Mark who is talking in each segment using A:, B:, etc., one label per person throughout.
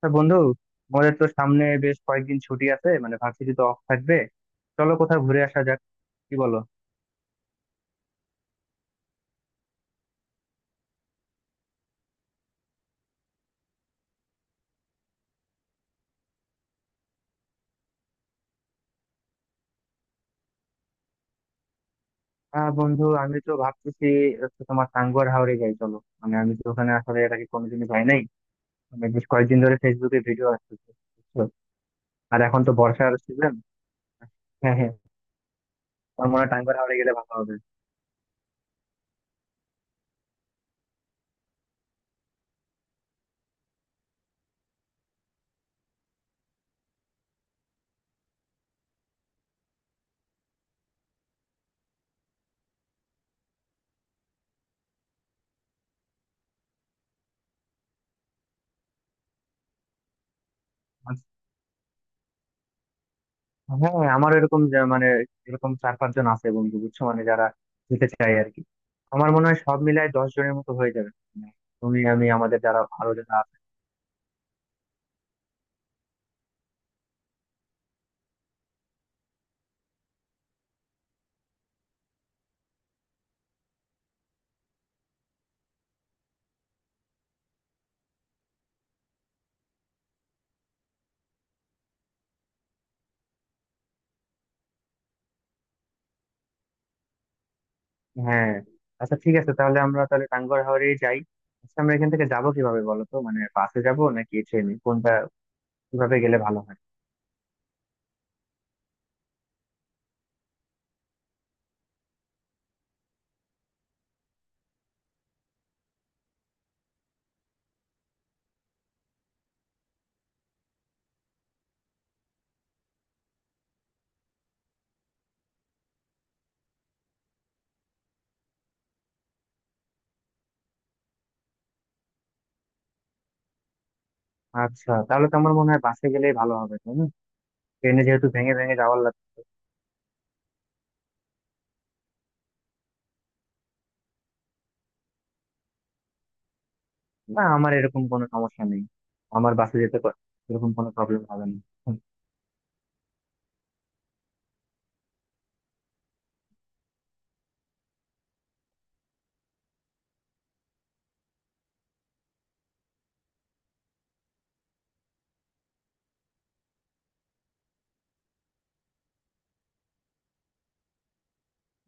A: তা বন্ধু, আমাদের তো সামনে বেশ কয়েকদিন ছুটি আছে, মানে ভার্সিটি তো অফ থাকবে। চলো কোথাও ঘুরে আসা যাক। কি বলো? বন্ধু, আমি তো ভাবতেছি হচ্ছে তোমার টাঙ্গুয়ার হাওরে যাই চলো। মানে আমি তো ওখানে আসলে এর আগে কোনোদিনই যাই নাই। মানে বেশ কয়েকদিন ধরে ফেসবুকে ভিডিও আসতেছে, বুঝছো? আর এখন তো বর্ষার সিজন। হ্যাঁ, হ্যাঁ। আমার মনে হয় টাঙ্গুয়ার হাওরে গেলে ভালো হবে। হ্যাঁ, আমার মানে এরকম চার পাঁচজন আছে বন্ধু, বুঝছো, মানে যারা যেতে চায় আর কি। আমার মনে হয় সব মিলায় 10 জনের মতো হয়ে যাবে, মানে তুমি আমি আমাদের যারা আরো যারা। হ্যাঁ। আচ্ছা, ঠিক আছে, তাহলে আমরা টাঙ্গুয়ার হাওরে যাই। আচ্ছা আমরা এখান থেকে যাবো কিভাবে বলো তো? মানে বাসে যাব নাকি ট্রেনে? কোনটা কিভাবে গেলে ভালো হয়? আচ্ছা, তাহলে তো আমার মনে হয় বাসে গেলেই ভালো হবে, তাই না? ট্রেনে যেহেতু ভেঙে ভেঙে যাওয়ার লাগবে। না, আমার এরকম কোনো সমস্যা নেই। আমার এরকম কোনো প্রবলেম হবে না।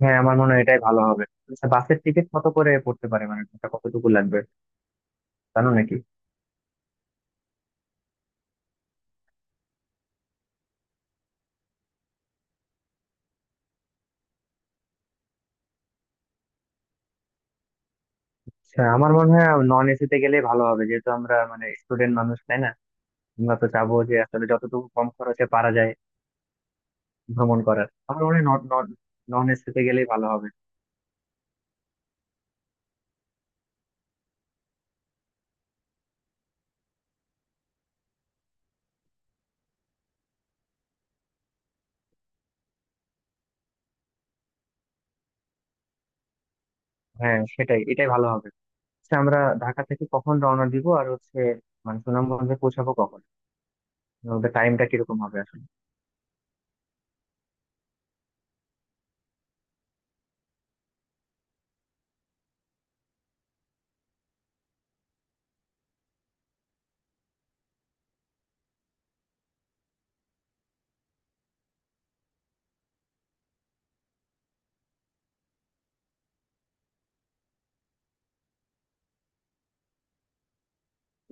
A: হ্যাঁ, আমার মনে হয় এটাই ভালো হবে। আচ্ছা, বাসের টিকিট কত করে পড়তে পারে, মানে এটা কতটুকু লাগবে? জানো নাকি? আচ্ছা আমার মনে হয় নন এসি তে গেলে ভালো হবে, যেহেতু আমরা মানে স্টুডেন্ট মানুষ, তাই না? আমরা তো চাবো যে আসলে যতটুকু কম খরচে পারা যায় ভ্রমণ করার। আমার মনে হয় নন নন এসিতে গেলেই ভালো হবে। হ্যাঁ সেটাই, এটাই ভালো হবে। আচ্ছা, আমরা ঢাকা থেকে কখন রওনা দিব, আর হচ্ছে মানে সুনামগঞ্জে পৌঁছাবো কখন? ওদের টাইমটা কিরকম হবে আসলে?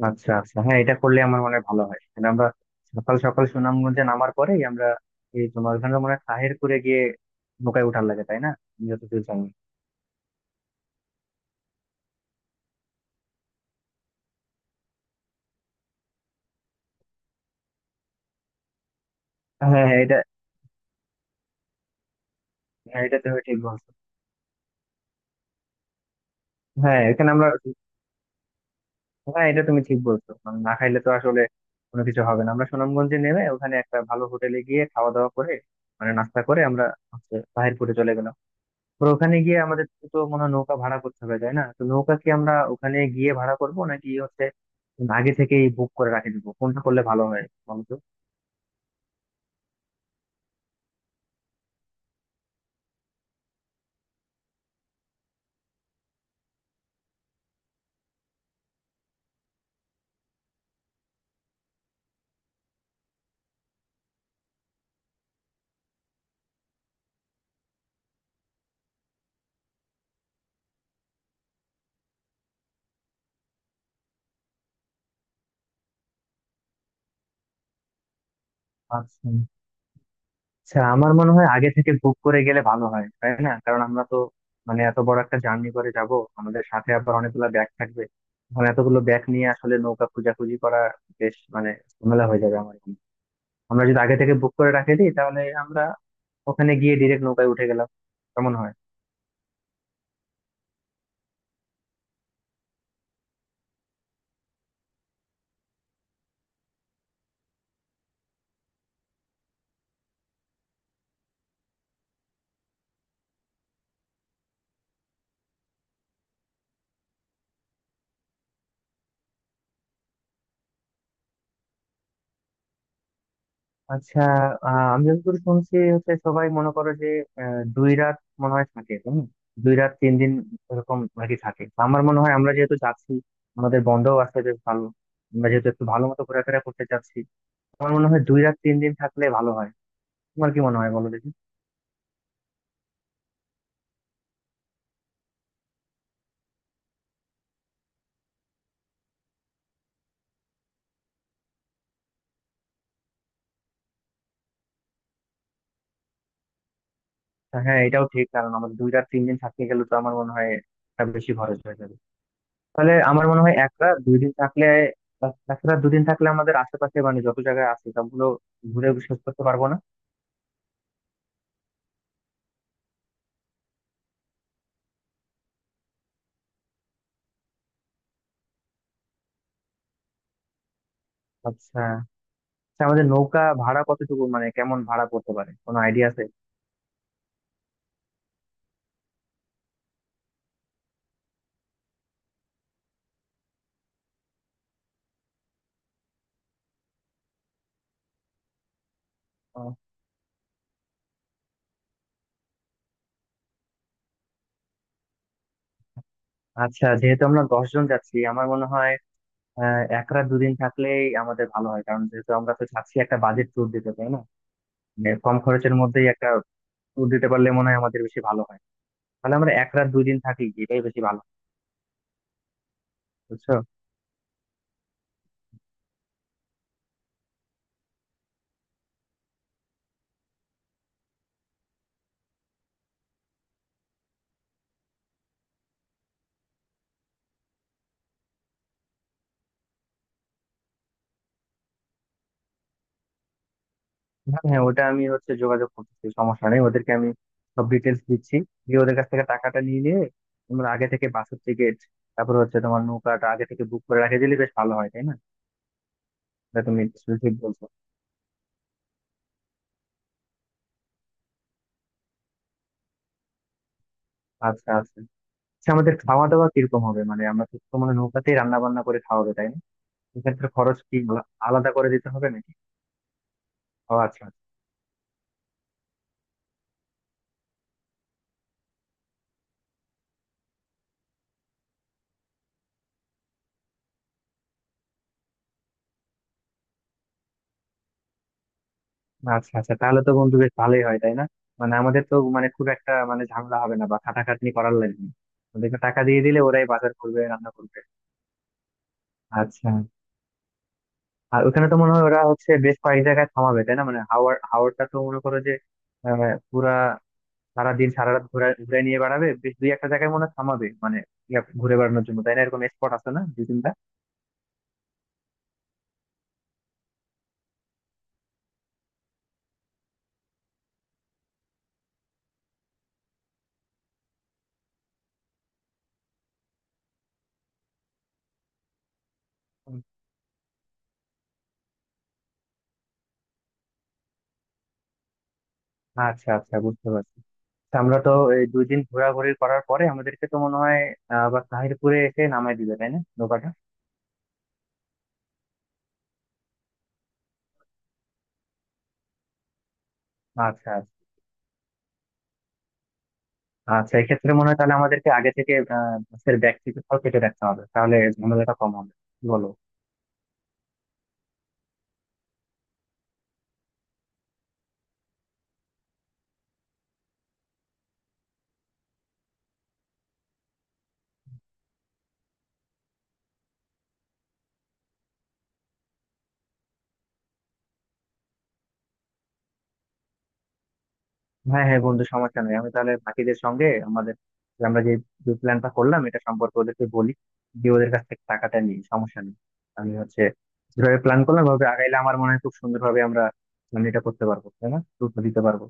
A: আচ্ছা আচ্ছা, হ্যাঁ। এটা করলে আমার মনে হয় ভালো হয়, মানে আমরা সকাল সকাল সুনামগঞ্জে নামার পরেই আমরা এই তোমার ওখানে মনে হয় তাহিরপুরে গিয়ে নৌকায় উঠার লাগে, তাই না? আমি যতদূর জানি। হ্যাঁ হ্যাঁ, এটা। হ্যাঁ, এটা তুমি ঠিক বলছো। হ্যাঁ এখানে আমরা। হ্যাঁ, এটা তুমি ঠিক বলছো, মানে না খাইলে তো আসলে কোনো কিছু হবে না। আমরা সুনামগঞ্জে নেমে ওখানে একটা ভালো হোটেলে গিয়ে খাওয়া দাওয়া করে, মানে নাস্তা করে, আমরা হচ্ছে বাহিরপুরে চলে গেলাম। তো ওখানে গিয়ে আমাদের তো মনে হয় নৌকা ভাড়া করতে হবে, তাই না? তো নৌকা কি আমরা ওখানে গিয়ে ভাড়া করব, নাকি হচ্ছে আগে থেকেই বুক করে রাখে দিব? কোনটা করলে ভালো হয় বলতো। আচ্ছা আমার মনে হয় আগে থেকে বুক করে গেলে ভালো হয়, তাই না? কারণ আমরা তো মানে এত বড় একটা জার্নি করে যাব, আমাদের সাথে আবার অনেকগুলো ব্যাগ থাকবে। এখন এতগুলো ব্যাগ নিয়ে আসলে নৌকা খোঁজাখুঁজি করা বেশ মানে ঝামেলা হয়ে যাবে আমার এখানে। আমরা যদি আগে থেকে বুক করে রাখে দিই তাহলে আমরা ওখানে গিয়ে ডিরেক্ট নৌকায় উঠে গেলাম। কেমন হয়? আচ্ছা, আমি যতদূর শুনছি হচ্ছে সবাই মনে করো যে দুই রাত মনে হয় থাকে, দুই রাত তিন দিন এরকম আর কি থাকে। তো আমার মনে হয় আমরা যেহেতু যাচ্ছি, আমাদের বন্ধও আছে বেশ ভালো, আমরা যেহেতু একটু ভালো মতো ঘোরাফেরা করতে চাচ্ছি, আমার মনে হয় দুই রাত তিন দিন থাকলে ভালো হয়। তোমার কি মনে হয় বলো দেখি? হ্যাঁ এটাও ঠিক, কারণ আমাদের দুই রাত তিন দিন থাকতে গেলে তো আমার মনে হয় একটা বেশি খরচ হয়ে যাবে। তাহলে আমার মনে হয় এক রাত দুই দিন থাকলে এক রাত দুদিন থাকলে আমাদের আশেপাশে মানে যত জায়গায় আছে সবগুলো ঘুরে শেষ করতে পারবো না। আচ্ছা আচ্ছা, আমাদের নৌকা ভাড়া কতটুকু, মানে কেমন ভাড়া পড়তে পারে? কোনো আইডিয়া আছে? আহ, আচ্ছা, যেহেতু আমরা 10 জন যাচ্ছি আমার মনে হয় এক রাত দুদিন থাকলেই আমাদের ভালো হয়, কারণ যেহেতু আমরা তো চাচ্ছি একটা বাজেট ট্যুর দিতে, তাই না? মানে কম খরচের মধ্যেই একটা ট্যুর দিতে পারলে মনে হয় আমাদের বেশি ভালো হয়। তাহলে আমরা এক রাত দুই দিন থাকি এটাই বেশি ভালো হয়, বুঝছো। হ্যাঁ হ্যাঁ, ওটা আমি হচ্ছে যোগাযোগ করতেছি, সমস্যা নেই। ওদেরকে আমি সব ডিটেলস দিচ্ছি, দিয়ে ওদের কাছ থেকে টাকাটা নিয়ে নিয়ে তোমরা আগে থেকে বাসের টিকিট, তারপর হচ্ছে তোমার নৌকাটা আগে থেকে বুক করে রাখে দিলে বেশ ভালো হয়, তাই না? এটা তুমি আসলে ঠিক বলছো। আচ্ছা আচ্ছা। আচ্ছা, আমাদের খাওয়া দাওয়া কিরকম হবে, মানে আমরা তো তো মানে নৌকাতেই রান্না বান্না করে খাওয়া হবে, তাই না? এক্ষেত্রে খরচ কি আলাদা করে দিতে হবে নাকি? ও আচ্ছা আচ্ছা। আচ্ছা আচ্ছা, তাহলে তো বন্ধু বেশ ভালোই হয়, তাই না? মানে আমাদের তো মানে খুব একটা মানে ঝামেলা হবে না বা খাটাখাটনি করার লাগবে না। ওদেরকে টাকা দিয়ে দিলে ওরাই বাজার করবে, রান্না করবে। আচ্ছা। আর ওখানে তো মনে হয় ওরা হচ্ছে বেশ কয়েক জায়গায় থামাবে, তাই না, মানে হাওড়টা তো মনে করো যে আহ, পুরা সারাদিন সারা রাত ঘুরে ঘুরে নিয়ে বেড়াবে। বেশ দুই একটা জায়গায় মনে হয় থামাবে, মানে ইয়া ঘুরে বেড়ানোর জন্য, তাই না? এরকম স্পট আছে না দুই তিনটা? হুম। আচ্ছা আচ্ছা, বুঝতে পারছি। তা আমরা তো এই দুই দিন ঘোরাঘুরি করার পরে আমাদেরকে তো মনে হয় আবার তাহিরপুরে এসে নামাই দিবে তাই না নৌকাটা? আচ্ছা আচ্ছা। আচ্ছা, এক্ষেত্রে মনে হয় তাহলে আমাদেরকে আগে থেকে বাসের ব্যাগ থেকে সব কেটে রাখতে হবে, তাহলে ঝামেলাটা কম হবে। কি বলো? হ্যাঁ হ্যাঁ বন্ধু, সমস্যা নেই। আমি তাহলে বাকিদের সঙ্গে আমাদের যে আমরা যে প্ল্যানটা করলাম এটা সম্পর্কে ওদেরকে বলি, দিয়ে ওদের কাছ থেকে টাকাটা নিই, সমস্যা নেই। আমি হচ্ছে যেভাবে প্ল্যান করলাম ভাবে আগাইলে আমার মনে হয় খুব সুন্দরভাবে আমরা plan এটা করতে পারবো, তাই না? গুরুত্ব দিতে পারবো।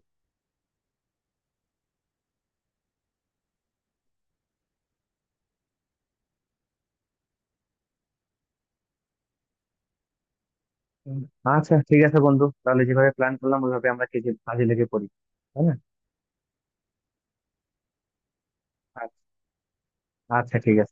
A: হুম। আচ্ছা ঠিক আছে বন্ধু, তাহলে যেভাবে প্ল্যান করলাম ওইভাবে আমরা কাজে কাজে লেগে পড়ি, তাই না? আচ্ছা আচ্ছা, ঠিক আছে।